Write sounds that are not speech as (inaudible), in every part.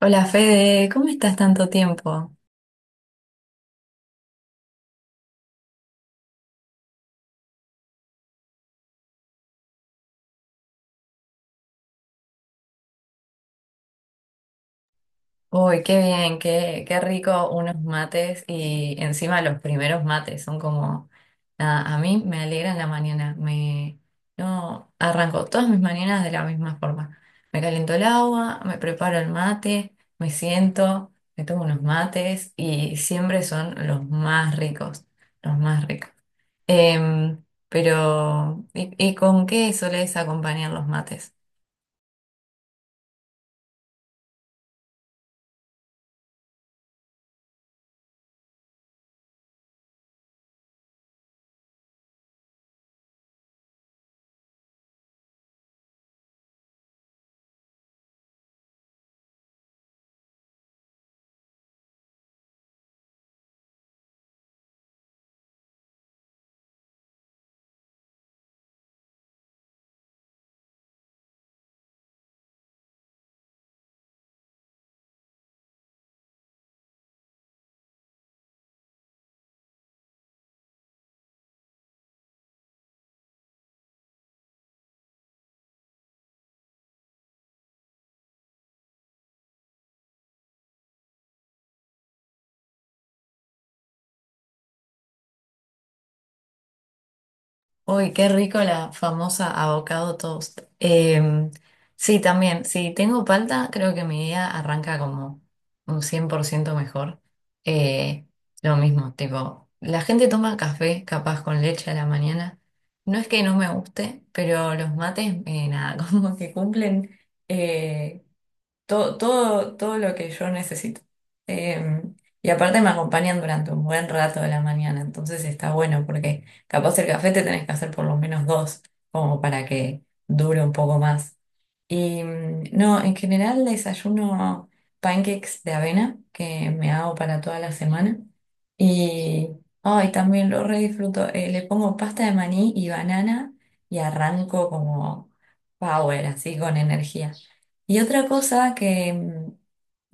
Hola Fede, ¿cómo estás tanto tiempo? Uy, qué bien, qué rico unos mates y encima los primeros mates son como, nada, a mí me alegran la mañana, me, no, arranco todas mis mañanas de la misma forma. Me caliento el agua, me preparo el mate, me siento, me tomo unos mates y siempre son los más ricos, los más ricos. Pero ¿y con qué solés acompañar los mates? Uy, qué rico la famosa avocado toast. Sí, también, si tengo palta, creo que mi día arranca como un 100% mejor. Eh, lo mismo, tipo, la gente toma café capaz con leche a la mañana. No es que no me guste, pero los mates, nada, (laughs) como que cumplen eh, todo lo que yo necesito. Eh, y aparte me acompañan durante un buen rato de la mañana, entonces está bueno porque capaz el café te tenés que hacer por lo menos dos, como para que dure un poco más. Y no, en general desayuno pancakes de avena que me hago para toda la semana. Y ay, también lo re disfruto. Le pongo pasta de maní y banana y arranco como power, así con energía. Y otra cosa que, mm,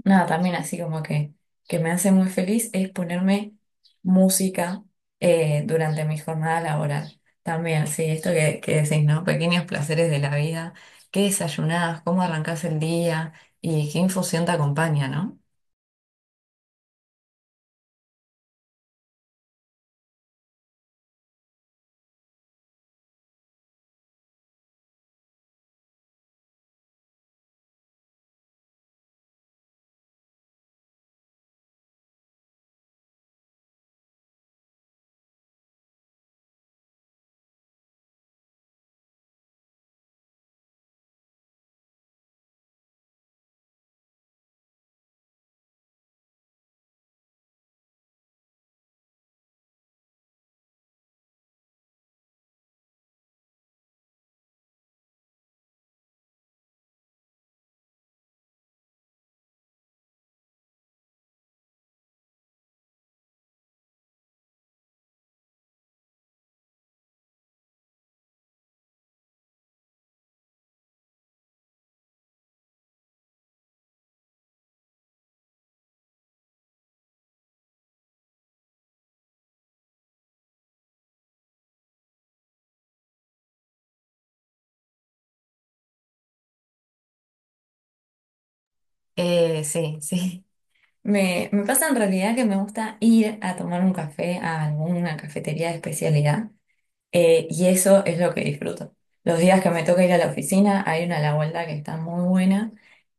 nada, también así como que me hace muy feliz es ponerme música durante mi jornada laboral. También, sí, esto que decís, ¿no? Pequeños placeres de la vida, qué desayunás, cómo arrancás el día y qué infusión te acompaña, ¿no? Sí, (laughs) sí. Me pasa en realidad que me gusta ir a tomar un café a alguna cafetería de especialidad. Y eso es lo que disfruto. Los días que me toca ir a la oficina, hay una a la vuelta que está muy buena.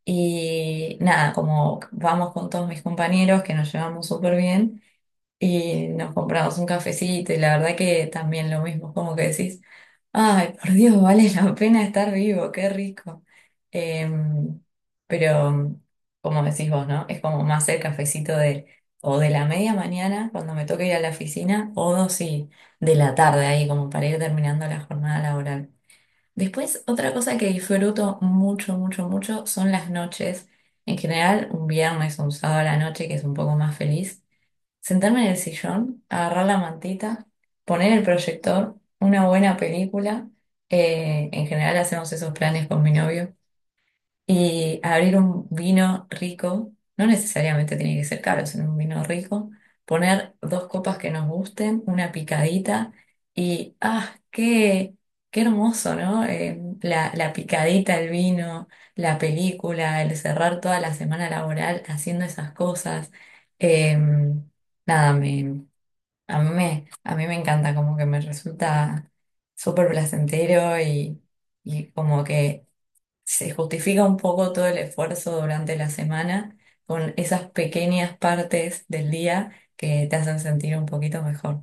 Y nada, como vamos con todos mis compañeros que nos llevamos súper bien y nos compramos un cafecito y la verdad que también lo mismo, como que decís, ay, por Dios, vale la pena estar vivo, qué rico. Em, pero como decís vos, ¿no? Es como más el cafecito de o de la media mañana cuando me toca ir a la oficina o dos y de la tarde ahí como para ir terminando la jornada laboral. Después, otra cosa que disfruto mucho, mucho, mucho son las noches. En general, un viernes, un sábado a la noche, que es un poco más feliz. Sentarme en el sillón, agarrar la mantita, poner el proyector, una buena película. En general hacemos esos planes con mi novio. Y abrir un vino rico, no necesariamente tiene que ser caro, sino un vino rico, poner dos copas que nos gusten, una picadita y ah, qué qué hermoso, ¿no? La picadita, el vino, la película, el cerrar toda la semana laboral haciendo esas cosas. Eh, nada, me, A mí a mí me encanta, como que me resulta súper placentero y como que se justifica un poco todo el esfuerzo durante la semana con esas pequeñas partes del día que te hacen sentir un poquito mejor.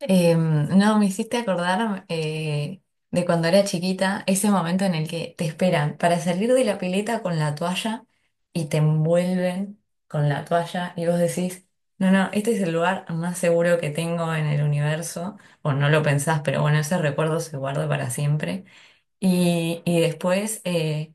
No, me hiciste acordar de cuando era chiquita, ese momento en el que te esperan para salir de la pileta con la toalla y te envuelven con la toalla y vos decís, no, no, este es el lugar más seguro que tengo en el universo, o no lo pensás, pero bueno, ese recuerdo se guarda para siempre. Y después...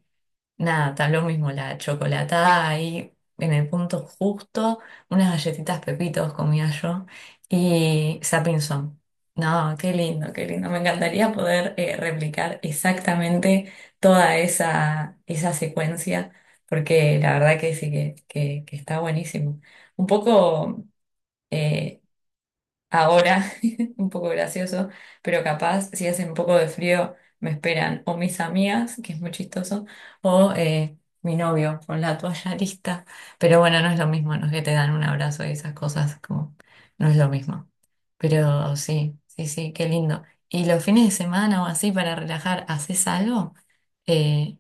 nada, está lo mismo la chocolatada ahí en el punto justo, unas galletitas Pepitos comía yo y Sapinson. No, qué lindo, qué lindo. Me encantaría poder replicar exactamente toda esa secuencia, porque la verdad que sí que, que está buenísimo. Un poco, eh, ahora, (laughs) un poco gracioso, pero capaz si hace un poco de frío me esperan o mis amigas, que es muy chistoso, o mi novio con la toalla (laughs) lista. Pero bueno, no es lo mismo, no es que te dan un abrazo y esas cosas, como no es lo mismo. Pero sí, sí, sí, qué lindo. ¿Y los fines de semana o así para relajar, haces algo? Eh,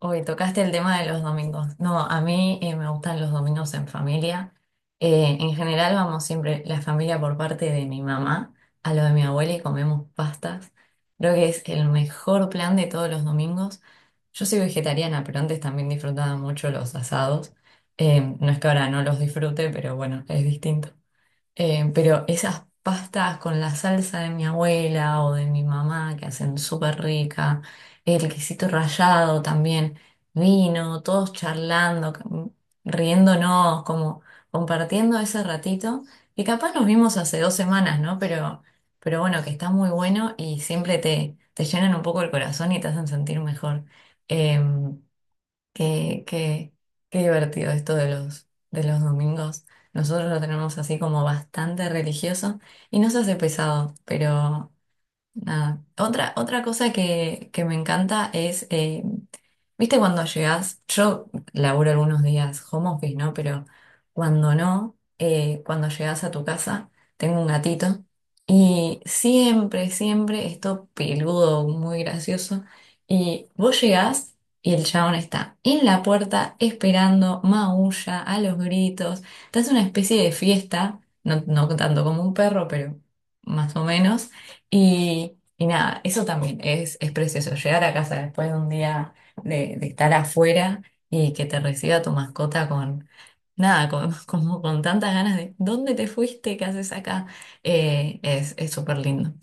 Hoy tocaste el tema de los domingos. No, a mí me gustan los domingos en familia. En general vamos siempre la familia por parte de mi mamá a lo de mi abuela y comemos pastas. Creo que es el mejor plan de todos los domingos. Yo soy vegetariana, pero antes también disfrutaba mucho los asados. No es que ahora no los disfrute, pero bueno, es distinto. Pero esas pastas con la salsa de mi abuela o de mi mamá que hacen súper rica, el quesito rallado también, vino, todos charlando, riéndonos, como compartiendo ese ratito, que capaz nos vimos hace dos semanas, ¿no? Pero bueno, que está muy bueno y siempre te llenan un poco el corazón y te hacen sentir mejor. Em, Qué, qué, qué divertido esto de de los domingos. Nosotros lo tenemos así como bastante religioso y no se hace pesado, pero nada. Otra cosa que me encanta es ¿viste cuando llegas? Yo laburo algunos días home office, ¿no? Pero cuando no, cuando llegas a tu casa, tengo un gatito y siempre, siempre esto peludo, muy gracioso. Y vos llegás y el chabón está en la puerta esperando, maulla, a los gritos. Te hace una especie de fiesta, no, no tanto como un perro, pero más o menos. Y nada, eso también es precioso. Llegar a casa después de un día de estar afuera y que te reciba tu mascota con nada, con, (laughs) como con tantas ganas de ¿dónde te fuiste? ¿Qué haces acá? Es súper lindo.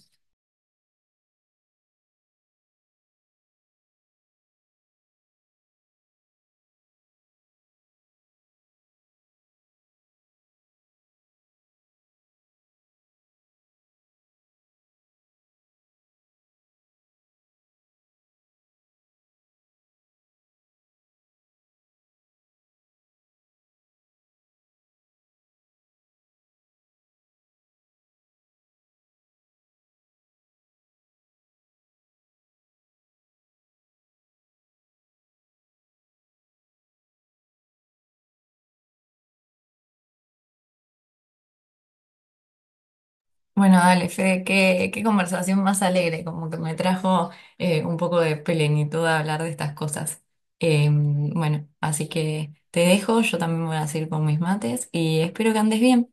Bueno, dale, Fede, qué conversación más alegre, como que me trajo un poco de plenitud a hablar de estas cosas. Bueno, así que te dejo, yo también voy a seguir con mis mates y espero que andes bien.